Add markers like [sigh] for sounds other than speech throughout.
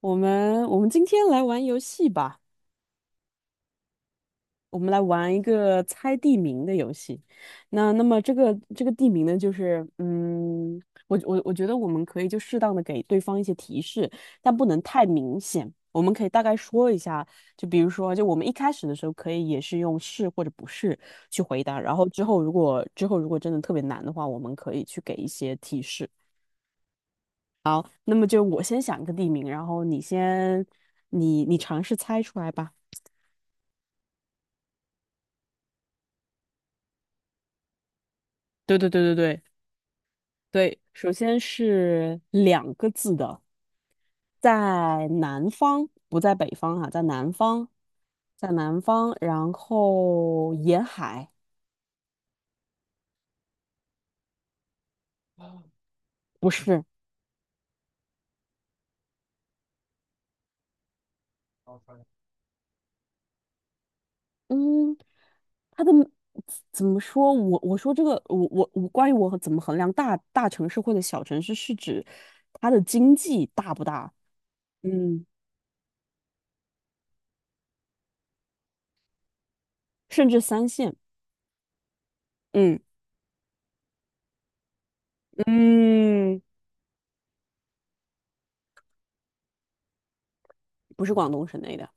我们今天来玩游戏吧，我们来玩一个猜地名的游戏。那么这个地名呢，就是我觉得我们可以就适当的给对方一些提示，但不能太明显。我们可以大概说一下，就比如说，就我们一开始的时候可以也是用是或者不是去回答，然后之后如果真的特别难的话，我们可以去给一些提示。那么就我先想一个地名，然后你先你你尝试猜出来吧。对对对对对对，首先是两个字的。在南方，不在北方哈，在南方，然后沿海。不是。嗯，它的怎么说？我说这个，我关于我怎么衡量大城市或者小城市，是指它的经济大不大？嗯，甚至三线。嗯嗯，不是广东省内的。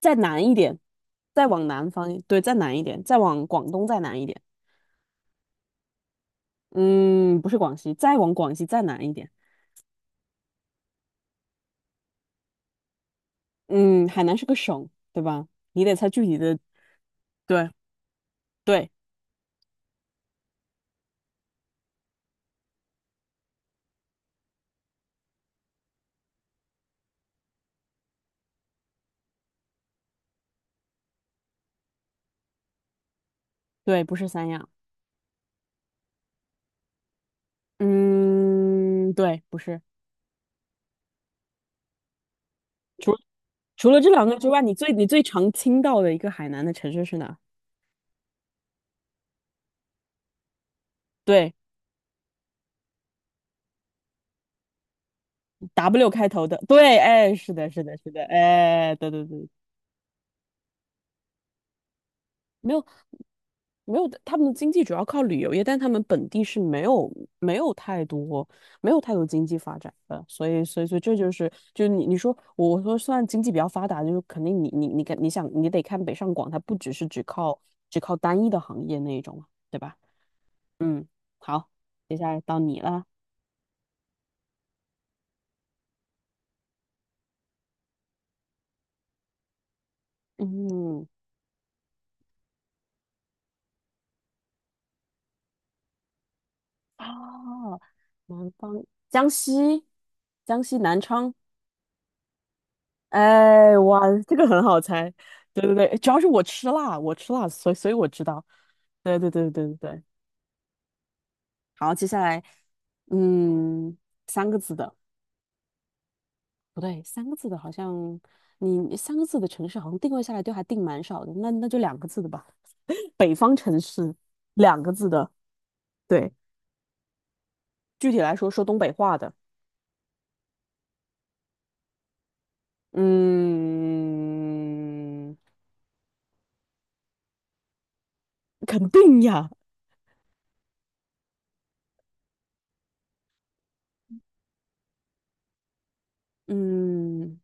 再南一点。再往南方，对，再南一点，再往广东再南一点。嗯，不是广西，再往广西再南一点。嗯，海南是个省，对吧？你得猜具体的。对，对，对，不是三亚。嗯，对，不是。除除了这两个之外，你最常听到的一个海南的城市是哪？对，W 开头的。对，哎，是的，是的，是的，哎，对对对。没有没有，他们的经济主要靠旅游业，但他们本地是没有太多没有太多经济发展的。所以这就是就你说我说算经济比较发达，就是肯定你得看北上广，它不只是只靠单一的行业那一种嘛，对吧？嗯，好，接下来到你了。嗯，啊，南方。江西。江西南昌。哎，哇，这个很好猜。对对对，主要是我吃辣，所以我知道。对对对对对对。好，接下来，嗯，三个字的，不对，三个字的好像你三个字的城市好像定位下来都还定蛮少的，那就两个字的吧。北方城市。两个字的。对。具体来说，说东北话的。嗯，肯定呀。嗯，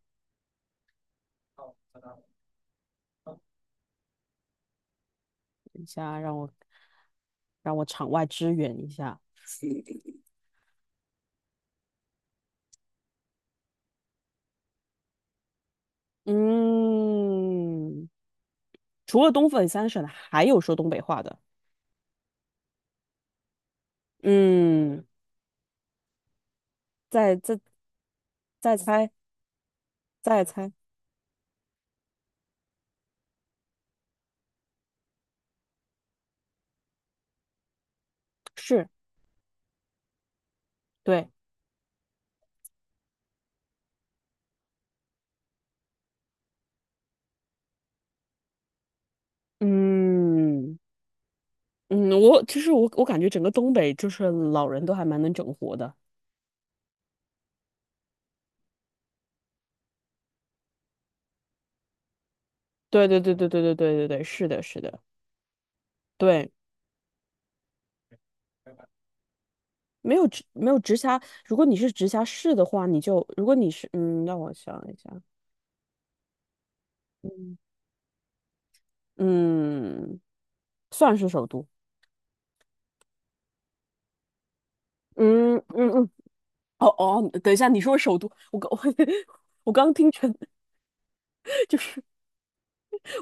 等一下让我场外支援一下。嗯，除了东北三省，还有说东北话的。嗯，再再再猜，再猜。是。对。嗯嗯，我其实我我感觉整个东北就是老人都还蛮能整活的。对对对对对对对对对，是的，是的，对。没有直辖，如果你是直辖市的话，你就如果你是让我想一下。嗯嗯，算是首都。嗯嗯嗯哦哦，等一下，你说首都，我刚 [laughs] 我刚听成就是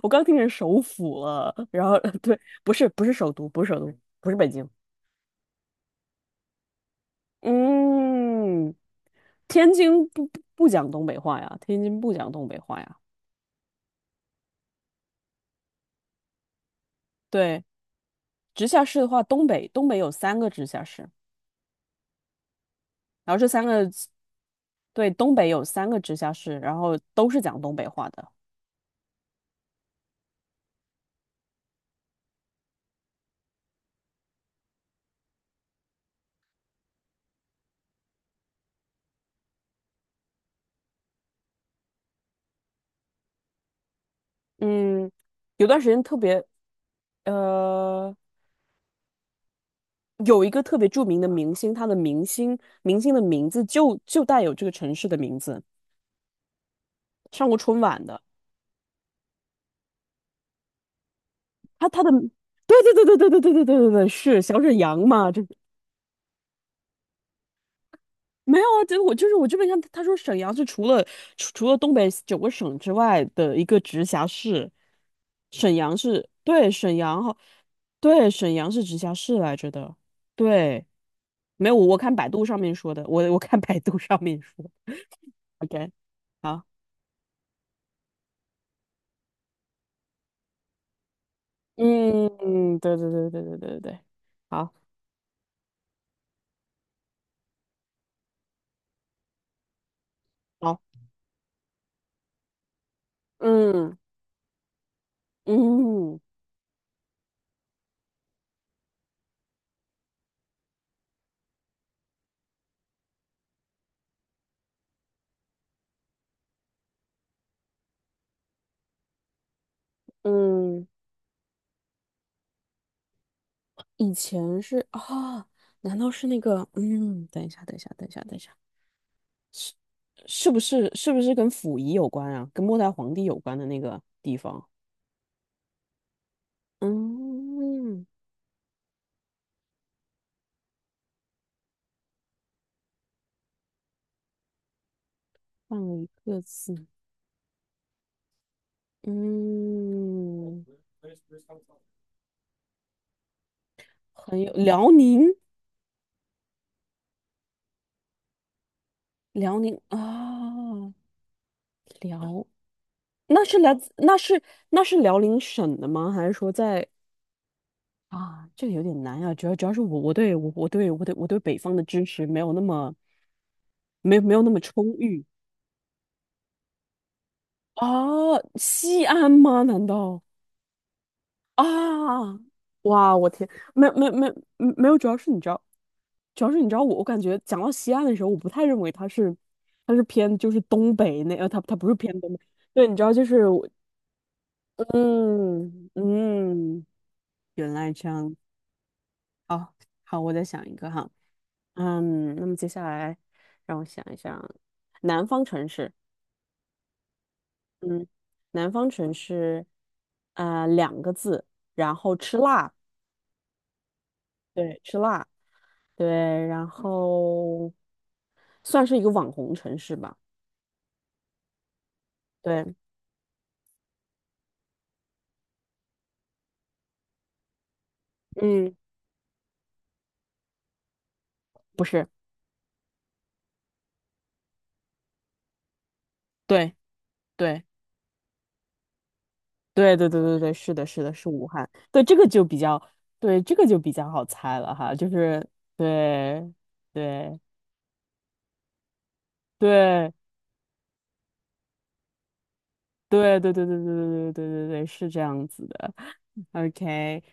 我刚听成首府了，然后对。不是不是首都，不是首都，不是北京。嗯，天津不讲东北话呀，天津不讲东北话呀。对，直辖市的话，东北有三个直辖市，然后这三个对，东北有三个直辖市，然后都是讲东北话的。嗯，有段时间特别呃。有一个特别著名的明星，明星的名字就带有这个城市的名字，上过春晚的。他的，对对对对对对对对对对对，是小沈阳嘛？这没有啊，这我就是我这边看，他说沈阳是除了东北九个省之外的一个直辖市。沈阳是对，沈阳，好。对，沈阳是直辖市来着的，对。没有，我看百度上面说的，我看百度上面说，OK。好。嗯嗯，对对对对对对对，好，好，嗯嗯嗯。以前是啊。难道是那个？嗯，等一下，等一下，等一下，等一下，是不是跟溥仪有关啊？跟末代皇帝有关的那个地方？嗯，换了一个字。嗯，很有辽宁。辽宁啊。辽。那是来自那是那是辽宁省的吗？还是说在？啊，这个有点难啊，主要是我对北方的知识没有那么没有那么充裕。啊，西安吗？难道啊？哇，我天。没没没没有。主要是你知道我感觉讲到西安的时候，我不太认为它是偏就是东北那它不是偏东北。对，你知道就是我。嗯嗯，原来这样。好好，我再想一个哈。嗯，那么接下来让我想一想。南方城市。嗯，南方城市，两个字，然后吃辣。对，吃辣。对，然后算是一个网红城市吧。对。嗯，不是。对，对，对，对，对，对，对，是的，是的，是武汉。对，这个就比较，对，这个就比较好猜了哈。就是对，对，对，对，对，对，对，对，对，对，对，对，对，是这样子的。OK，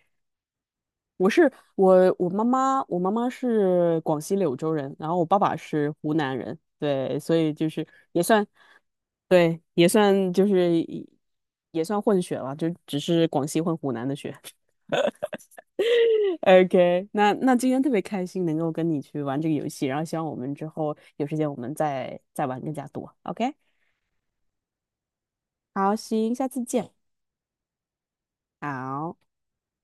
我是我妈妈，我妈妈是广西柳州人，然后我爸爸是湖南人。对，所以就是也算。对，也算混血了，就只是广西混湖南的血。[laughs] OK，那今天特别开心能够跟你去玩这个游戏，然后希望我们之后有时间我们再玩更加多。OK，好，行，下次见，好。